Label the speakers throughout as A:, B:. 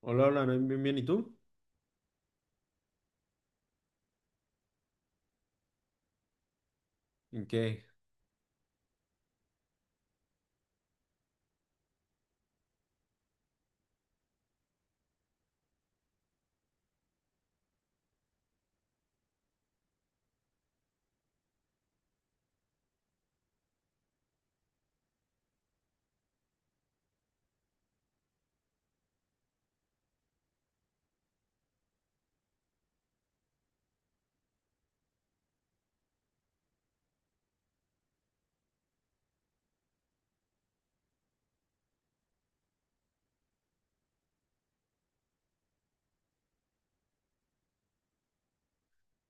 A: Hola, hola, bien, bien, bien, ¿y tú? ¿En qué?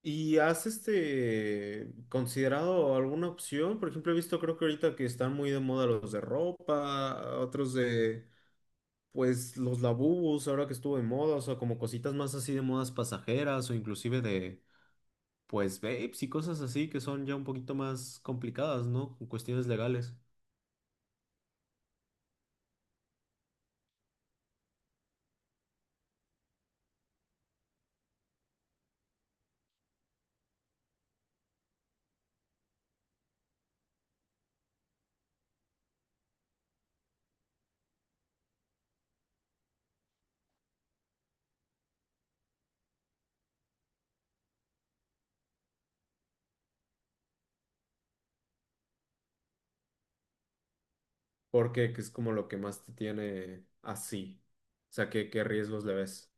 A: ¿Y has considerado alguna opción? Por ejemplo, he visto, creo que ahorita que están muy de moda los de ropa, otros de, pues, los labubus, ahora que estuvo de moda, o sea, como cositas más así de modas pasajeras o inclusive de, pues, vapes y cosas así que son ya un poquito más complicadas, ¿no? Con cuestiones legales. Porque que es como lo que más te tiene así. O sea, ¿qué riesgos le ves?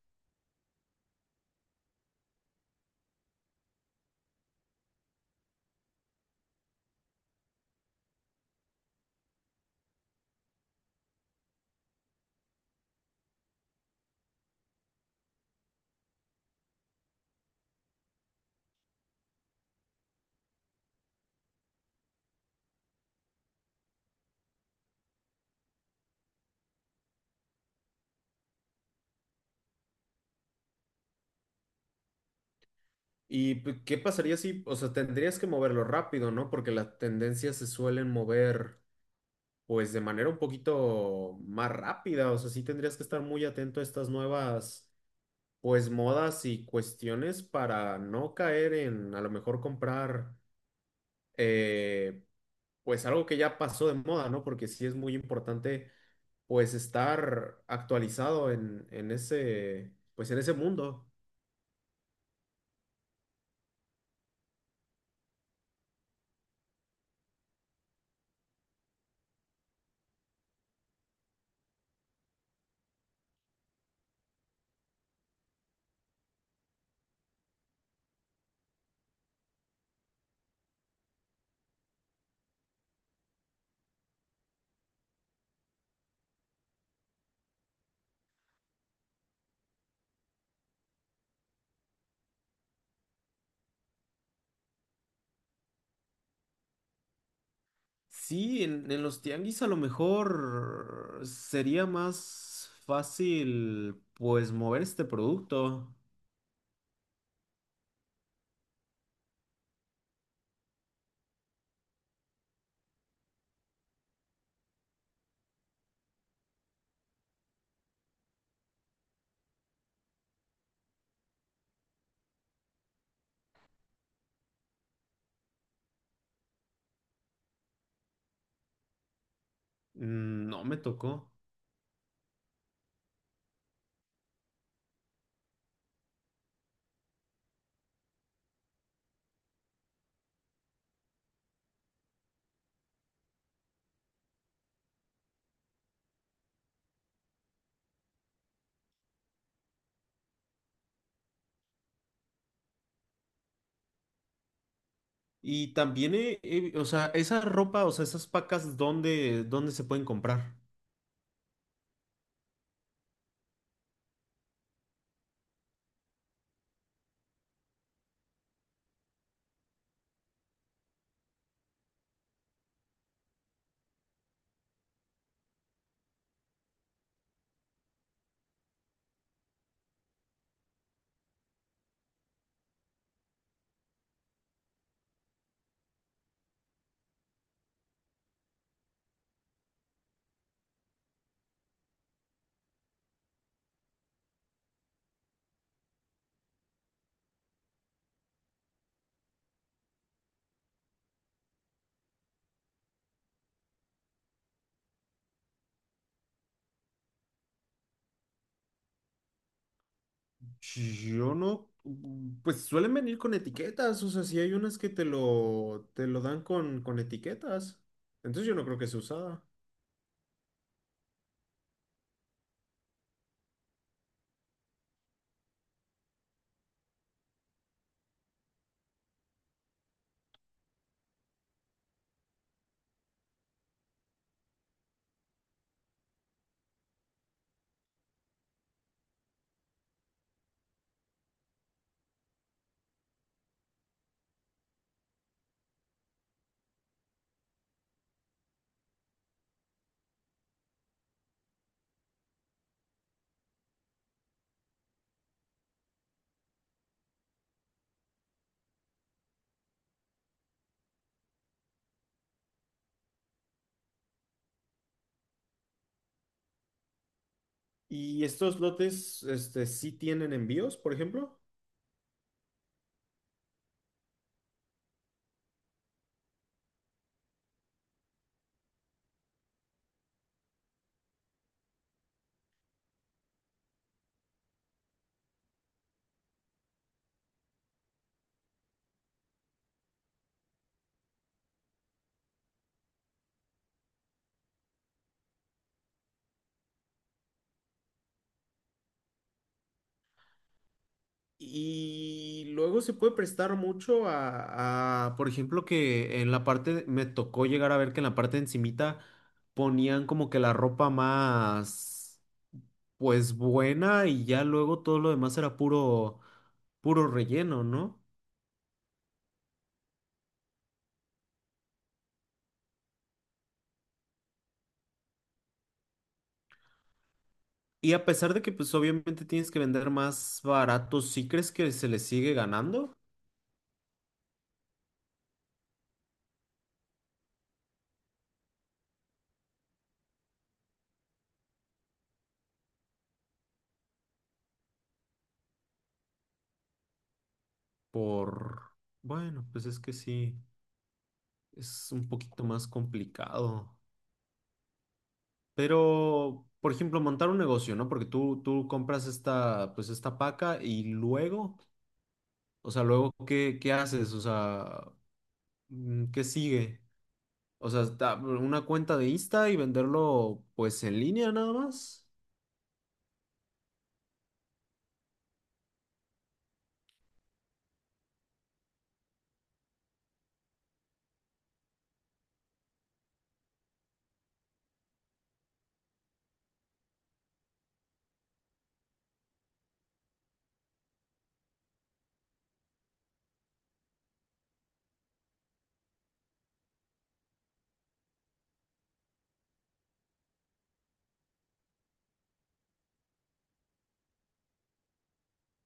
A: ¿Y qué pasaría si, o sea, tendrías que moverlo rápido, ¿no? Porque las tendencias se suelen mover, pues, de manera un poquito más rápida. O sea, sí tendrías que estar muy atento a estas nuevas, pues, modas y cuestiones para no caer en, a lo mejor, comprar, eh, pues, algo que ya pasó de moda, ¿no? Porque sí es muy importante, pues, estar actualizado en ese, pues, en ese mundo. Sí, en los tianguis a lo mejor sería más fácil pues mover este producto. Mm. No me tocó. Y también, o sea, esa ropa, o sea, esas pacas, ¿dónde se pueden comprar? Yo no, pues suelen venir con etiquetas, o sea, si hay unas que te lo dan con etiquetas. Entonces yo no creo que sea usada. ¿Y estos lotes, este, sí tienen envíos, por ejemplo? Y luego se puede prestar mucho a, por ejemplo, que en la parte, me tocó llegar a ver que en la parte de encimita ponían como que la ropa más, pues buena y ya luego todo lo demás era puro, puro relleno, ¿no? Y a pesar de que pues obviamente tienes que vender más barato, ¿sí crees que se le sigue ganando? Por, bueno, pues es que sí, es un poquito más complicado. Pero, por ejemplo, montar un negocio, ¿no? Porque tú compras esta, pues esta paca y luego, o sea, luego, ¿qué haces? O sea, ¿qué sigue? O sea, una cuenta de Insta y venderlo, pues, en línea nada más.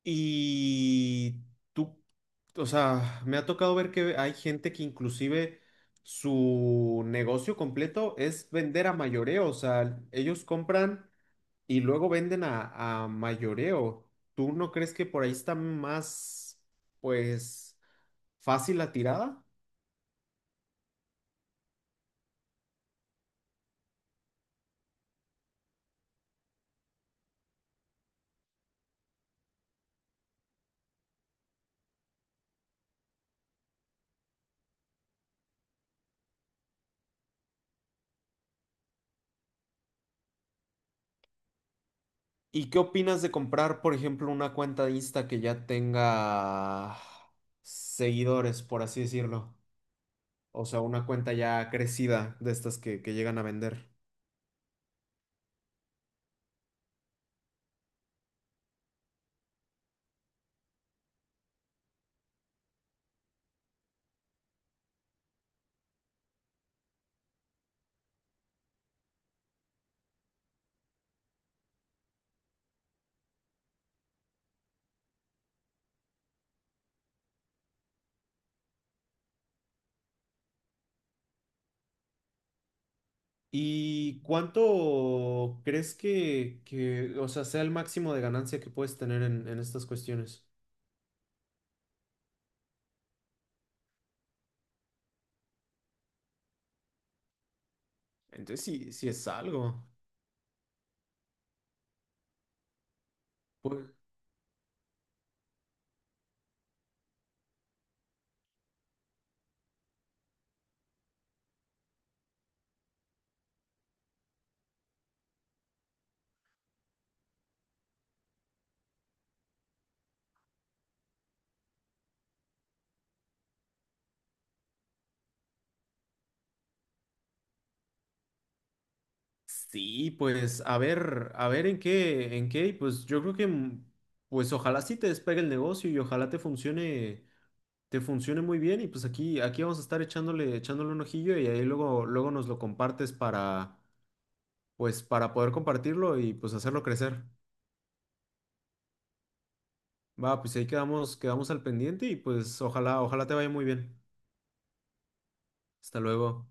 A: Y tú, o sea, me ha tocado ver que hay gente que inclusive su negocio completo es vender a mayoreo, o sea, ellos compran y luego venden a mayoreo. ¿Tú no crees que por ahí está más, pues, fácil la tirada? ¿Y qué opinas de comprar, por ejemplo, una cuenta de Insta que ya tenga seguidores, por así decirlo? O sea, una cuenta ya crecida de estas que llegan a vender. ¿Y cuánto crees que, o sea, sea el máximo de ganancia que puedes tener en estas cuestiones? Entonces, sí, sí es algo. Pues, sí, pues a ver en qué, y pues yo creo que, pues ojalá sí te despegue el negocio y ojalá te funcione muy bien y pues aquí vamos a estar echándole, echándole un ojillo y ahí luego, luego nos lo compartes para, pues para poder compartirlo y pues hacerlo crecer. Va, pues ahí quedamos, quedamos al pendiente y pues ojalá, ojalá te vaya muy bien. Hasta luego.